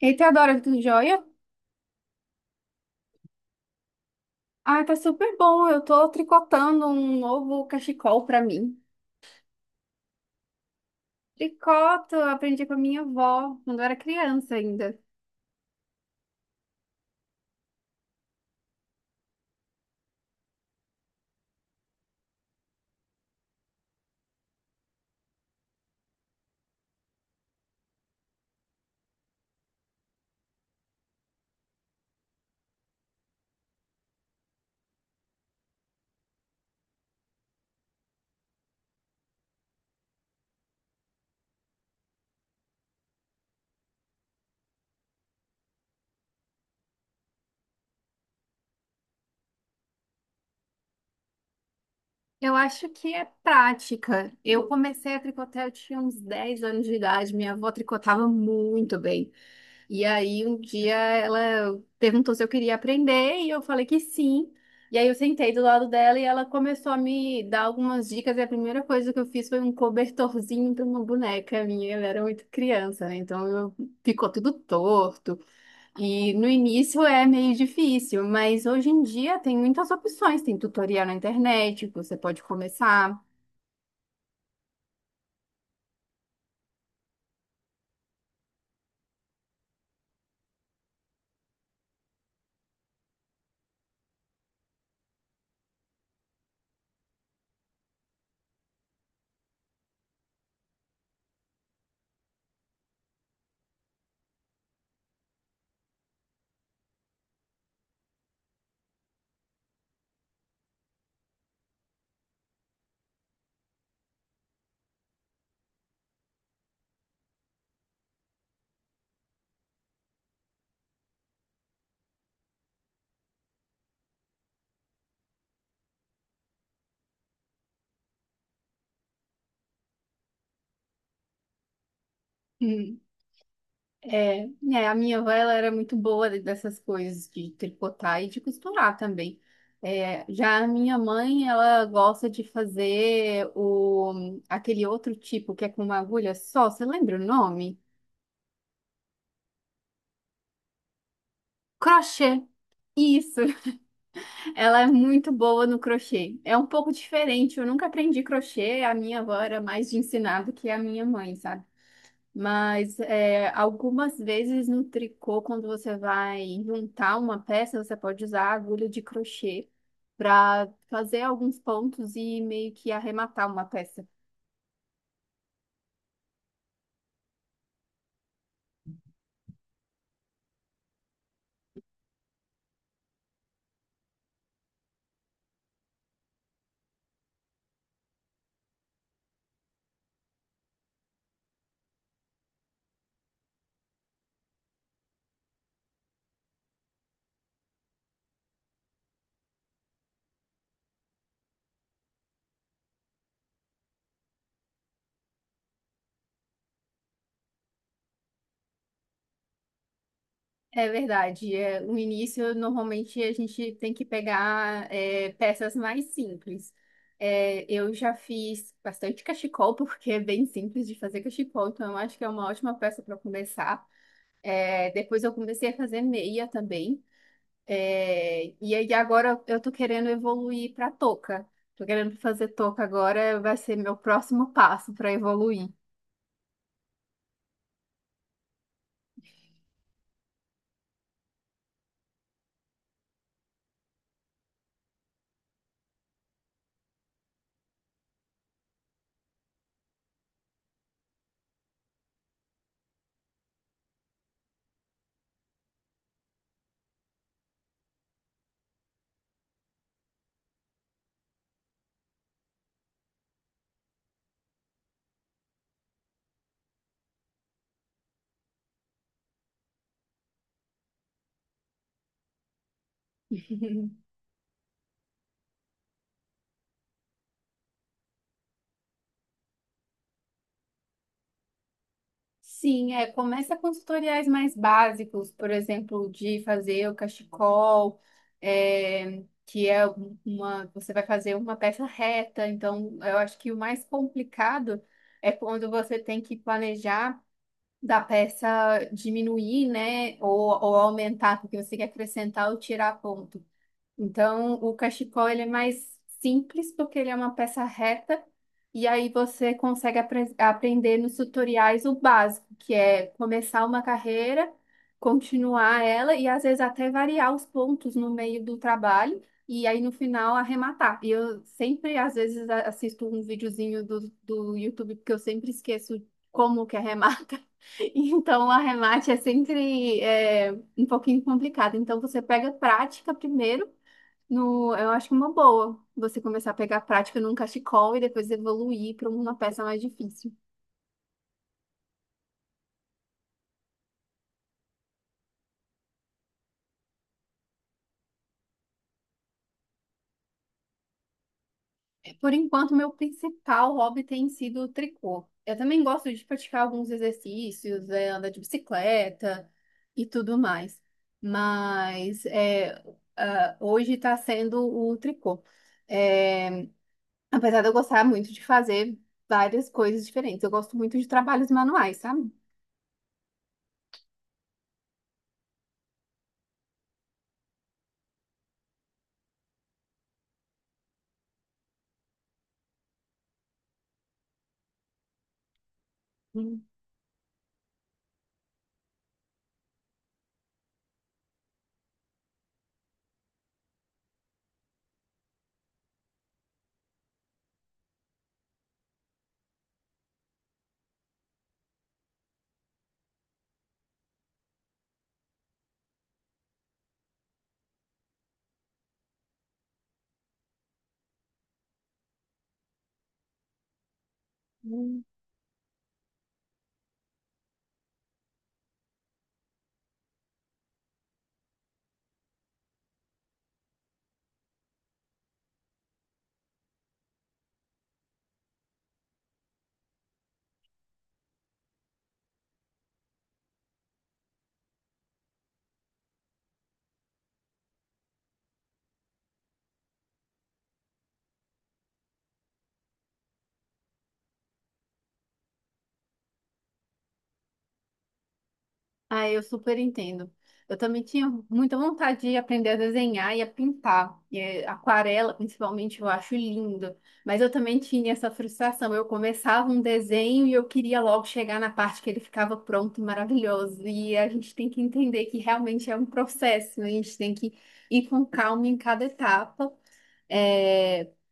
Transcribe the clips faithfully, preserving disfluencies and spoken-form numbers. Eita, adora tudo jóia? Ah, tá super bom. Eu tô tricotando um novo cachecol pra mim. Tricoto, eu aprendi com a minha avó quando eu era criança ainda. Eu acho que é prática. Eu comecei a tricotar, eu tinha uns dez anos de idade. Minha avó tricotava muito bem. E aí um dia ela perguntou se eu queria aprender e eu falei que sim. E aí eu sentei do lado dela e ela começou a me dar algumas dicas e a primeira coisa que eu fiz foi um cobertorzinho para uma boneca minha. Ela era muito criança, né? Então eu- ficou tudo torto. E no início é meio difícil, mas hoje em dia tem muitas opções, tem tutorial na internet, que você pode começar. É, né, a minha avó ela era muito boa dessas coisas de tricotar e de costurar também. É, já a minha mãe, ela gosta de fazer o, aquele outro tipo que é com uma agulha só, você lembra o nome? Crochê. Isso. Ela é muito boa no crochê. É um pouco diferente, eu nunca aprendi crochê, a minha avó era mais de ensinar do que a minha mãe, sabe? Mas é, algumas vezes no tricô, quando você vai juntar uma peça, você pode usar a agulha de crochê para fazer alguns pontos e meio que arrematar uma peça. É verdade. É, no início, normalmente a gente tem que pegar é, peças mais simples. É, eu já fiz bastante cachecol, porque é bem simples de fazer cachecol, então eu acho que é uma ótima peça para começar. É, depois eu comecei a fazer meia também. É, e aí agora eu tô querendo evoluir para touca. Tô querendo fazer touca agora, vai ser meu próximo passo para evoluir. Sim, é, começa com tutoriais mais básicos, por exemplo, de fazer o cachecol, é, que é uma, você vai fazer uma peça reta, então eu acho que o mais complicado é quando você tem que planejar da peça diminuir, né, ou, ou aumentar, porque você quer acrescentar ou tirar ponto. Então, o cachecol ele é mais simples porque ele é uma peça reta e aí você consegue apre- aprender nos tutoriais o básico, que é começar uma carreira, continuar ela e às vezes até variar os pontos no meio do trabalho e aí no final arrematar. E eu sempre, às vezes, a- assisto um videozinho do, do YouTube porque eu sempre esqueço como que arremata. Então, o arremate é sempre é, um pouquinho complicado. Então, você pega prática primeiro no, eu acho uma boa você começar a pegar prática num cachecol e depois evoluir para uma peça mais difícil. Por enquanto, meu principal hobby tem sido o tricô. Eu também gosto de praticar alguns exercícios, é, andar de bicicleta e tudo mais. Mas é, ah, hoje está sendo o tricô. É, apesar de eu gostar muito de fazer várias coisas diferentes, eu gosto muito de trabalhos manuais, sabe? Uhum. Ah, eu super entendo. Eu também tinha muita vontade de aprender a desenhar e a pintar. E eh, aquarela, principalmente, eu acho lindo. Mas eu também tinha essa frustração. Eu começava um desenho e eu queria logo chegar na parte que ele ficava pronto e maravilhoso. E a gente tem que entender que realmente é um processo, né? A gente tem que ir com calma em cada etapa,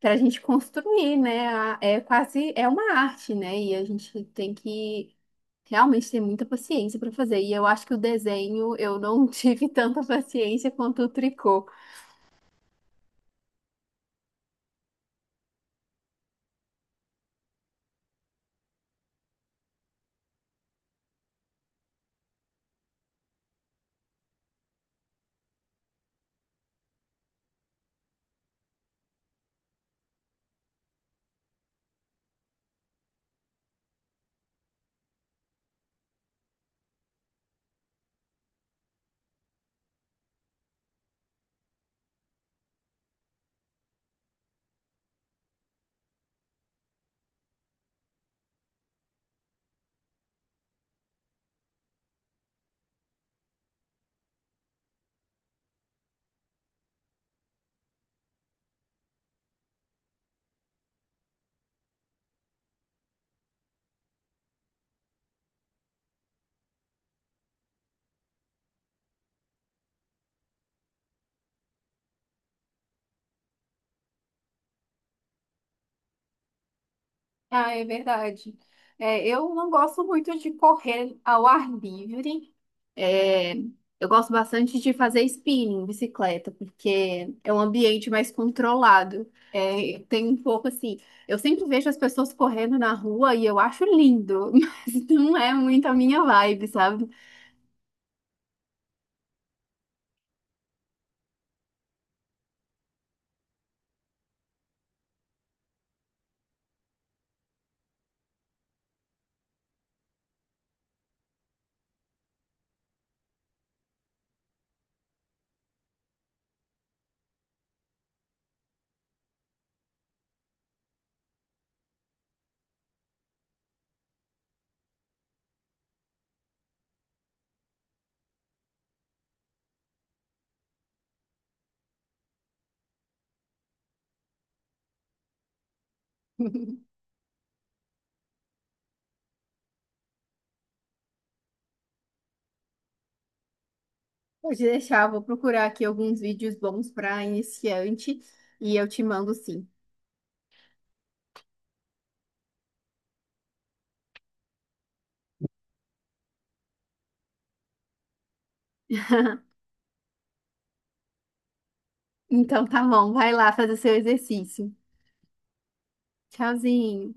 para a gente construir, né? A- É quase, é uma arte, né? E a gente tem que realmente tem muita paciência para fazer. E eu acho que o desenho eu não tive tanta paciência quanto o tricô. Ah, é verdade. É, eu não gosto muito de correr ao ar livre. É, eu gosto bastante de fazer spinning, bicicleta, porque é um ambiente mais controlado. É, tem um pouco assim. Eu sempre vejo as pessoas correndo na rua e eu acho lindo, mas não é muito a minha vibe, sabe? Pode deixar, eu vou procurar aqui alguns vídeos bons para iniciante e eu te mando sim. Então tá bom, vai lá fazer seu exercício. Tchauzinho.